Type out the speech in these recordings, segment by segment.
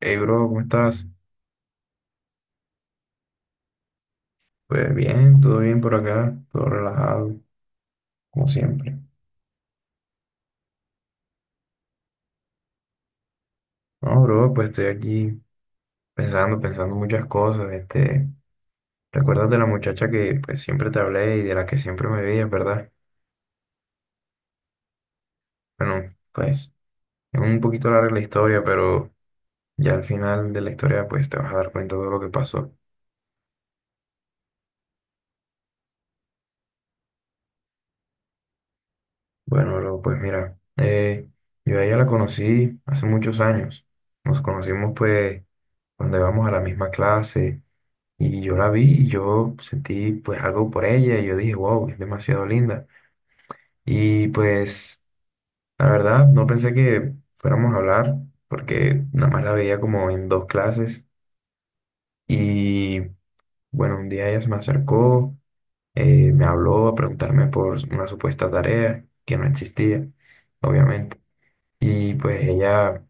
Hey bro, ¿cómo estás? Pues bien, todo bien por acá, todo relajado, como siempre. No, bro, pues estoy aquí pensando muchas cosas. Este, ¿recuerdas de la muchacha que pues siempre te hablé y de la que siempre me veías, verdad? Bueno, pues es un poquito larga la historia, pero ya al final de la historia pues te vas a dar cuenta de todo lo que pasó. Bueno, bro, pues mira, yo a ella la conocí hace muchos años. Nos conocimos pues cuando íbamos a la misma clase. Y yo la vi y yo sentí pues algo por ella y yo dije, wow, es demasiado linda. Y pues la verdad no pensé que fuéramos a hablar porque nada más la veía como en dos clases. Y bueno, un día ella se me acercó, me habló a preguntarme por una supuesta tarea que no existía, obviamente. Y pues ella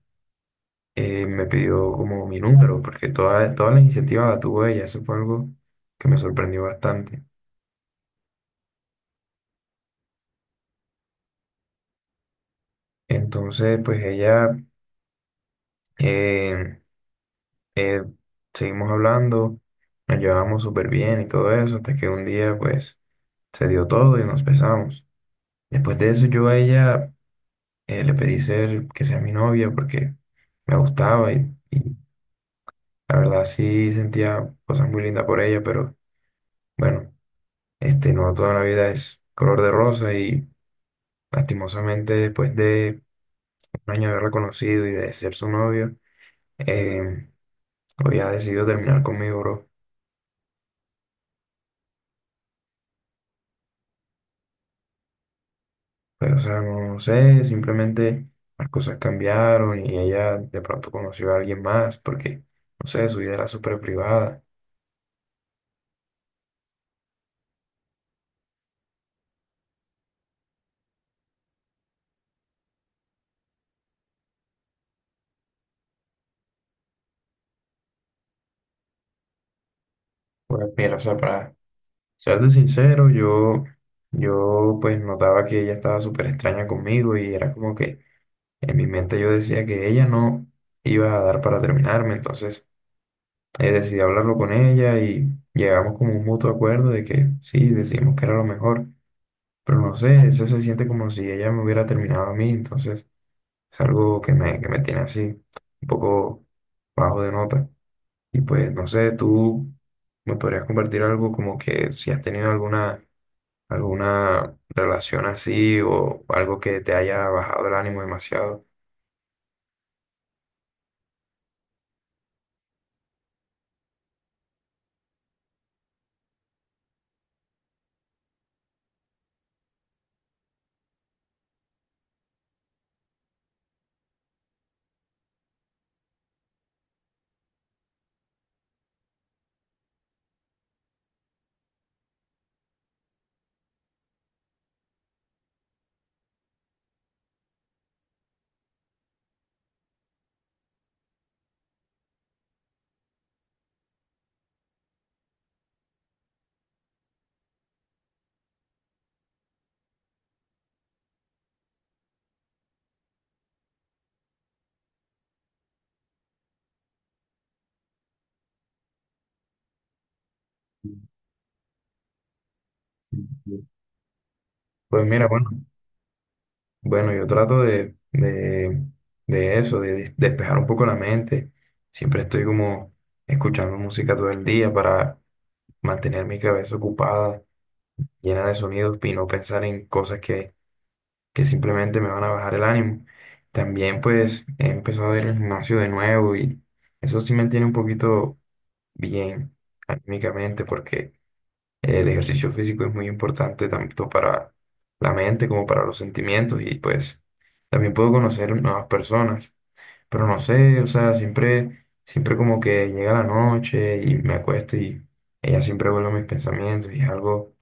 me pidió como mi número porque toda la iniciativa la tuvo ella. Eso fue algo que me sorprendió bastante. Entonces, pues ella, eh, eh, seguimos hablando, nos llevábamos súper bien y todo eso, hasta que un día, pues, se dio todo y nos besamos. Después de eso, yo a ella le pedí ser, que sea mi novia porque me gustaba y la verdad sí sentía cosas muy lindas por ella, pero bueno, este, no toda la vida es color de rosa y lastimosamente después de 1 año de haberla conocido y de ser su novio, eh, había decidido terminar conmigo, bro. Pero, o sea, no, no sé, simplemente las cosas cambiaron y ella de pronto conoció a alguien más porque, no sé, su vida era súper privada. Pues mira, o sea, para serte sincero, yo pues notaba que ella estaba súper extraña conmigo y era como que en mi mente yo decía que ella no iba a dar para terminarme, entonces decidí hablarlo con ella y llegamos como a un mutuo acuerdo de que sí, decimos que era lo mejor, pero no sé, eso se siente como si ella me hubiera terminado a mí, entonces... Es algo que que me tiene así, un poco bajo de nota. Y pues, no sé, tú me podrías compartir algo como que si has tenido alguna relación así o algo que te haya bajado el ánimo demasiado. Pues mira, bueno, yo trato de eso, de des- despejar un poco la mente. Siempre estoy como escuchando música todo el día para mantener mi cabeza ocupada, llena de sonidos y no pensar en cosas que simplemente me van a bajar el ánimo. También pues he empezado a ir al gimnasio de nuevo y eso sí me tiene un poquito bien anímicamente porque el ejercicio físico es muy importante tanto para la mente como para los sentimientos y pues también puedo conocer nuevas personas. Pero no sé, o sea, siempre como que llega la noche y me acuesto y ella siempre vuelve a mis pensamientos y es algo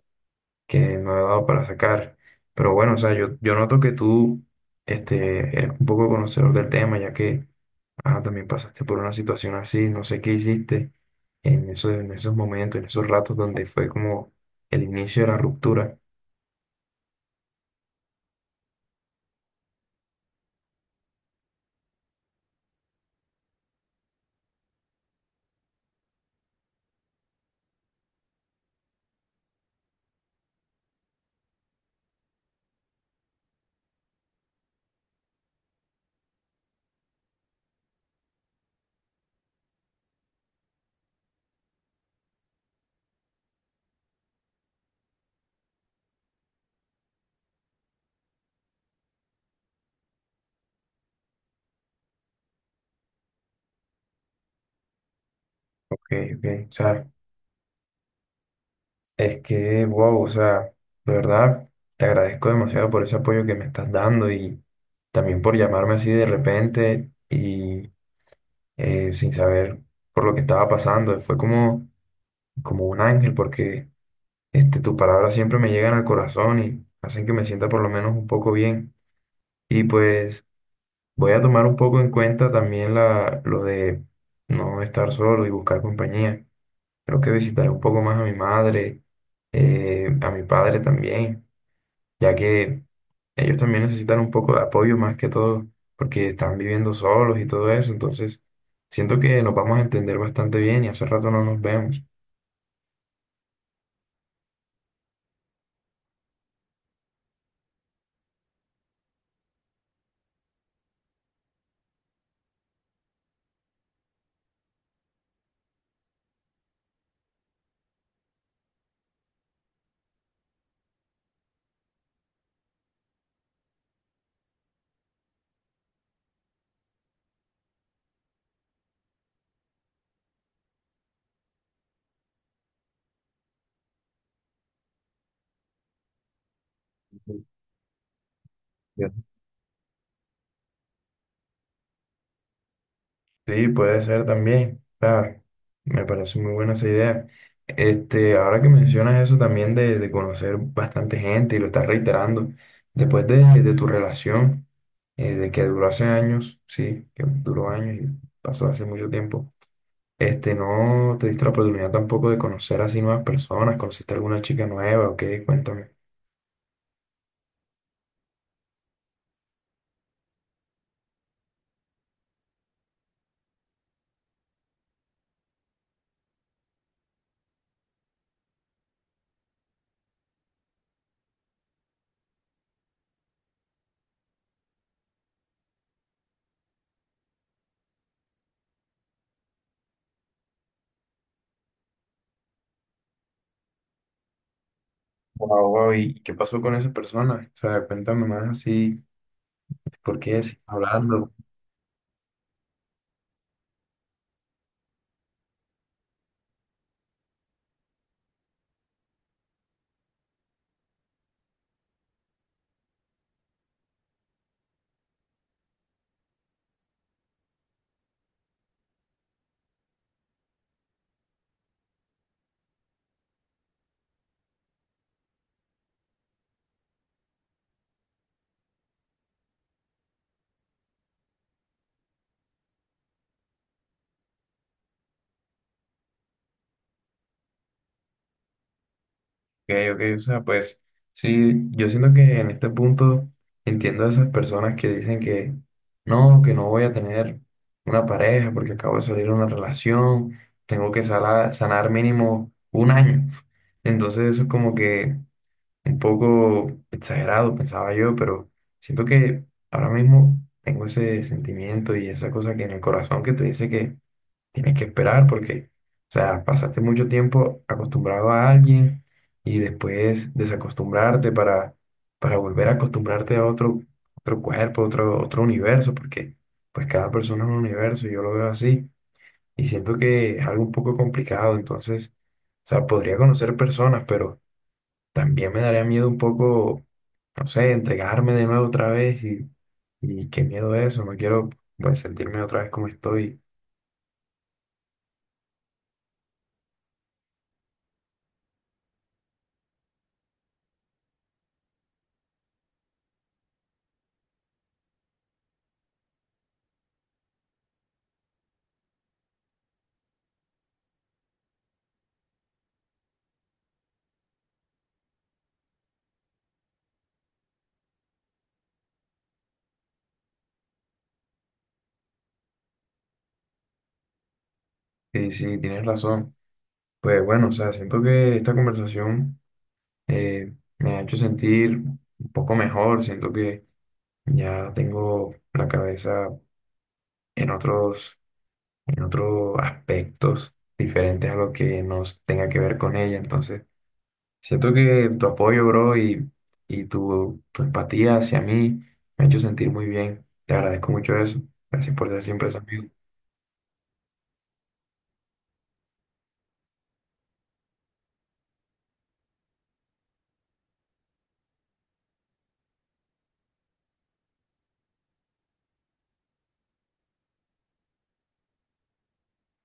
que no he dado para sacar. Pero bueno, o sea, yo noto que tú este, eres un poco conocedor del tema, ya que ah, también pasaste por una situación así, no sé qué hiciste en en en esos ratos donde fue como el inicio de la ruptura. Ok, ok, o sea, es que, wow, o sea, de verdad, te agradezco demasiado por ese apoyo que me estás dando y también por llamarme así de repente y sin saber por lo que estaba pasando. Fue como un ángel porque este, tus palabras siempre me llegan al corazón y hacen que me sienta por lo menos un poco bien. Y pues voy a tomar un poco en cuenta también lo de no estar solo y buscar compañía. Creo que visitaré un poco más a mi madre, a mi padre también, ya que ellos también necesitan un poco de apoyo más que todo porque están viviendo solos y todo eso. Entonces, siento que nos vamos a entender bastante bien y hace rato no nos vemos. Sí, puede ser también. Ah, me parece muy buena esa idea. Este, ahora que mencionas eso también de conocer bastante gente y lo estás reiterando, después de tu relación, de que duró hace años, sí, que duró años y pasó hace mucho tiempo, este, ¿no te diste la oportunidad tampoco de conocer así nuevas personas? ¿Conociste alguna chica nueva o qué? Cuéntame. Wow, wow, ¿y qué pasó con esa persona? O sea, cuéntame más así, ¿por qué sigues hablando? Ok, ok, o sea, pues sí, yo siento que en este punto entiendo a esas personas que dicen que no voy a tener una pareja porque acabo de salir de una relación, tengo que sala- sanar mínimo 1 año. Entonces eso es como que un poco exagerado, pensaba yo, pero siento que ahora mismo tengo ese sentimiento y esa cosa que en el corazón que te dice que tienes que esperar porque, o sea, pasaste mucho tiempo acostumbrado a alguien y después desacostumbrarte para volver a acostumbrarte a otro, otro cuerpo, otro universo, porque pues cada persona es un universo, yo lo veo así y siento que es algo un poco complicado, entonces, o sea, podría conocer personas, pero también me daría miedo un poco, no sé, entregarme de nuevo otra vez y qué miedo eso, no quiero pues sentirme otra vez como estoy. Y sí, tienes razón. Pues bueno, o sea, siento que esta conversación eh, me ha hecho sentir un poco mejor, siento que ya tengo la cabeza en en otros aspectos diferentes a lo que nos tenga que ver con ella, entonces siento que tu apoyo, bro, y tu empatía hacia mí me ha hecho sentir muy bien, te agradezco mucho eso, gracias por ser siempre ese amigo,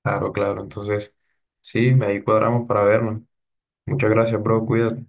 claro, claro, entonces sí, ahí cuadramos para vernos, muchas gracias, bro, cuídate.